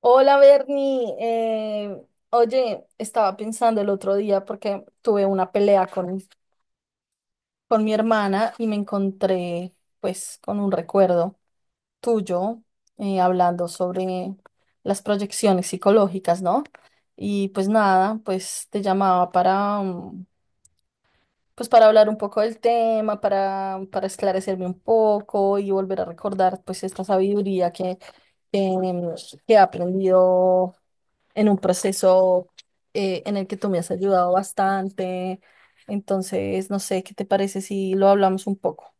Hola Bernie, oye, estaba pensando el otro día porque tuve una pelea con mi hermana y me encontré pues con un recuerdo tuyo. Eh, hablando sobre las proyecciones psicológicas, ¿no? Y pues nada, pues te llamaba pues para hablar un poco del tema, para esclarecerme un poco y volver a recordar pues esta sabiduría que que he aprendido en un proceso en el que tú me has ayudado bastante. Entonces, no sé, ¿qué te parece si lo hablamos un poco?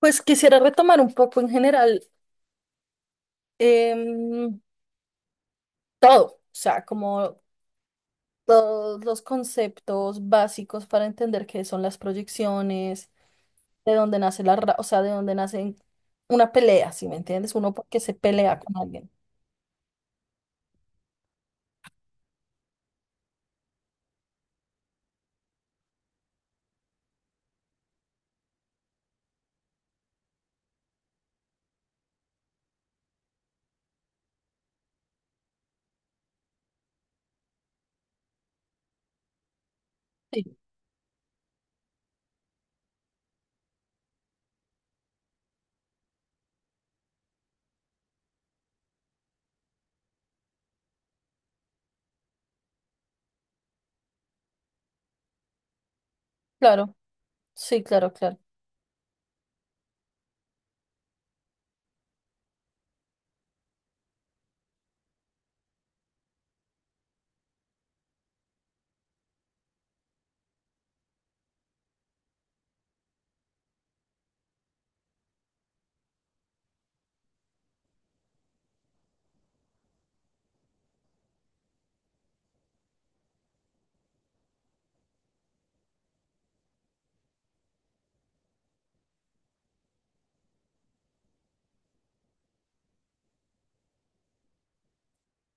Pues quisiera retomar un poco en general, em, todo, o sea, como todos los conceptos básicos para entender qué son las proyecciones, de dónde nace o sea, de dónde nace una pelea, ¿si me entiendes? Uno porque se pelea con alguien. Sí, claro, sí, claro, claro.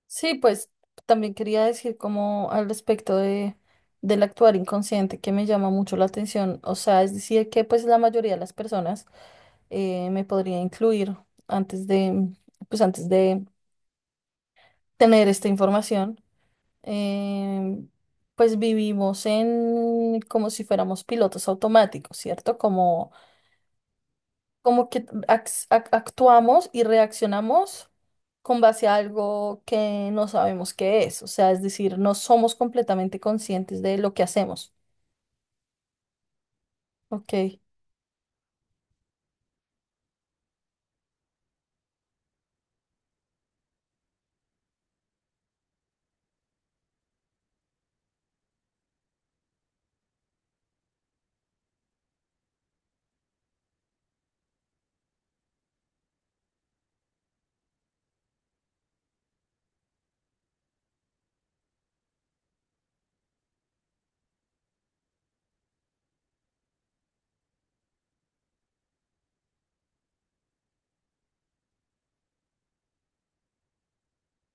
Sí, pues también quería decir como al respecto del actuar inconsciente que me llama mucho la atención. O sea, es decir, que pues la mayoría de las personas, me podría incluir antes de, pues antes de tener esta información. em, pues vivimos en como si fuéramos pilotos automáticos, ¿cierto? Como como que actuamos y reaccionamos con base a algo que no sabemos qué es, o sea, es decir, no somos completamente conscientes de lo que hacemos. Ok.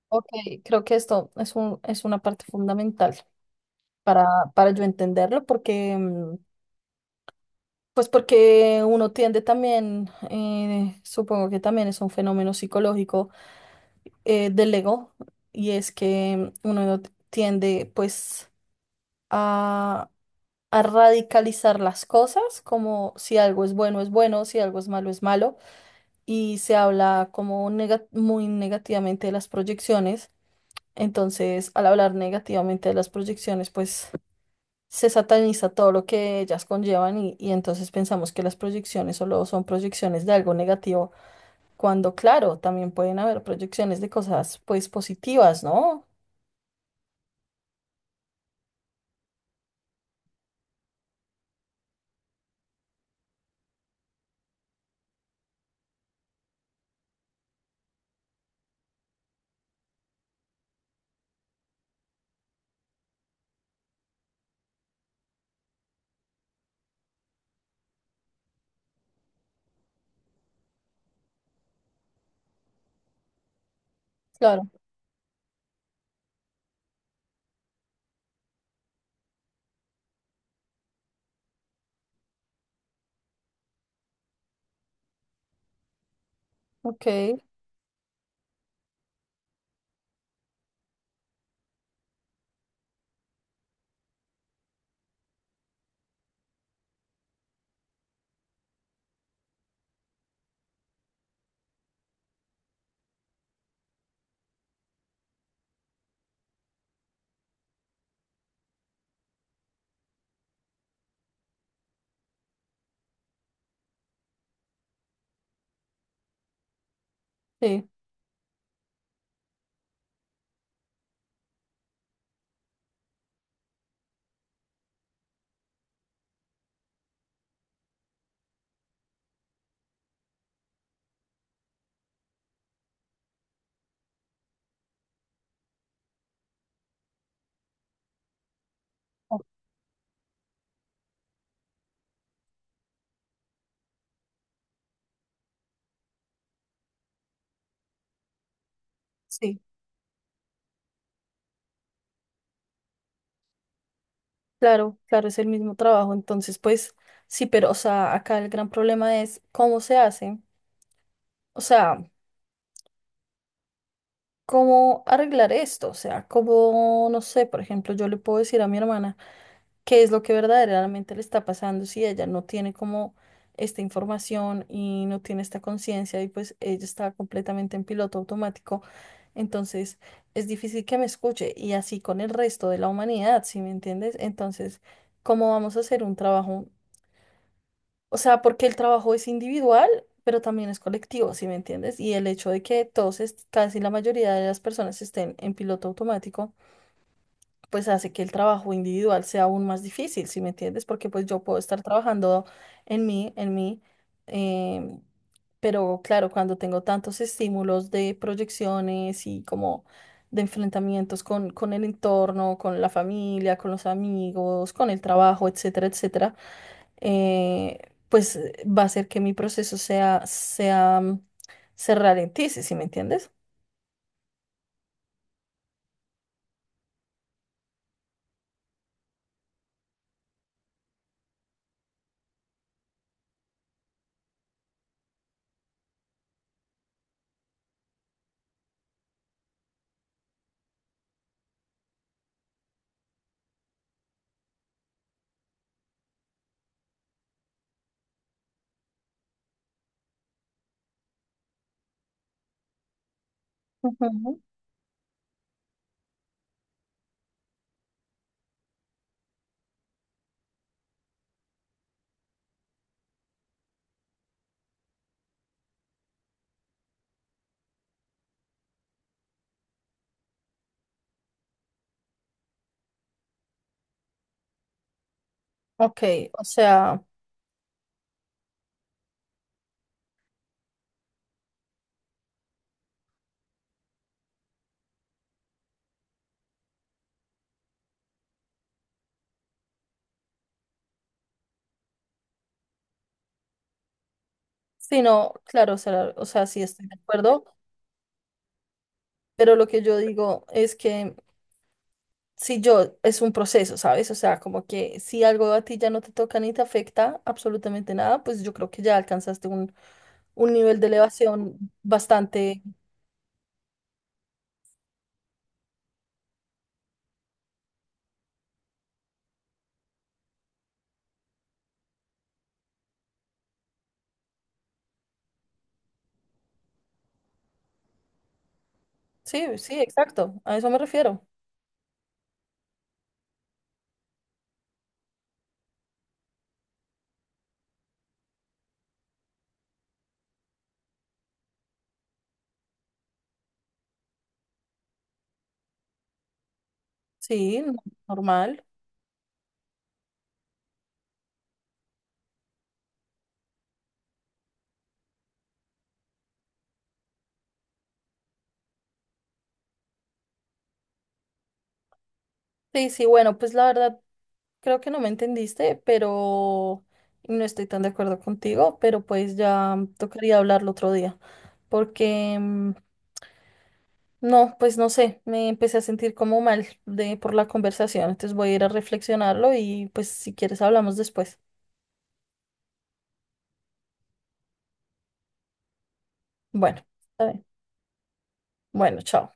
Ok, creo que esto es es una parte fundamental para, para yo entenderlo, porque pues porque uno tiende también, supongo que también es un fenómeno psicológico, del ego, y es que, uno tiende pues a radicalizar las cosas, como si algo es bueno, si algo es malo, y se habla como muy negativamente de las proyecciones. Entonces, al hablar negativamente de las proyecciones, pues se sataniza todo lo que ellas conllevan y entonces pensamos que las proyecciones solo son proyecciones de algo negativo, cuando claro, también pueden haber proyecciones de cosas pues positivas, ¿no? Claro, ok, sí, sí. Claro, claro, es el mismo trabajo. Entonces, pues sí, pero, o sea, acá el gran problema es cómo se hace, o sea, cómo arreglar esto, o sea, cómo, no sé, por ejemplo, yo le puedo decir a mi hermana qué es lo que verdaderamente le está pasando si ella no tiene como esta información y no tiene esta conciencia y pues ella está completamente en piloto automático. Entonces, es difícil que me escuche y así con el resto de la humanidad, ¿sí me entiendes? Entonces, ¿cómo vamos a hacer un trabajo? O sea, porque el trabajo es individual, pero también es colectivo, ¿sí me entiendes? Y el hecho de que casi la mayoría de las personas estén en piloto automático pues hace que el trabajo individual sea aún más difícil, ¿sí me entiendes? Porque pues yo puedo estar trabajando en mí, em, pero claro, cuando tengo tantos estímulos de proyecciones y como de enfrentamientos con el entorno, con la familia, con los amigos, con el trabajo, etcétera, etcétera, eh, pues va a hacer que mi proceso sea, se ralentice, ¿sí sí me entiendes? Ujú. Ok, o sea... Sí, no, claro, o sea, sí estoy de acuerdo, pero lo que yo digo es que si yo, es un proceso, ¿sabes? O sea, como que si algo a ti ya no te toca ni te afecta absolutamente nada, pues yo creo que ya alcanzaste un nivel de elevación bastante, sí, sí, exacto, a eso me refiero. Sí, normal. Sí, sí, bueno, pues la verdad creo que no me entendiste, pero y no estoy tan de acuerdo contigo, pero pues ya tocaría hablarlo otro día, porque... mm, no, pues no sé, me empecé a sentir como mal de por la conversación, entonces voy a ir a reflexionarlo y pues si quieres hablamos después. Bueno, está bien. Bueno, chao.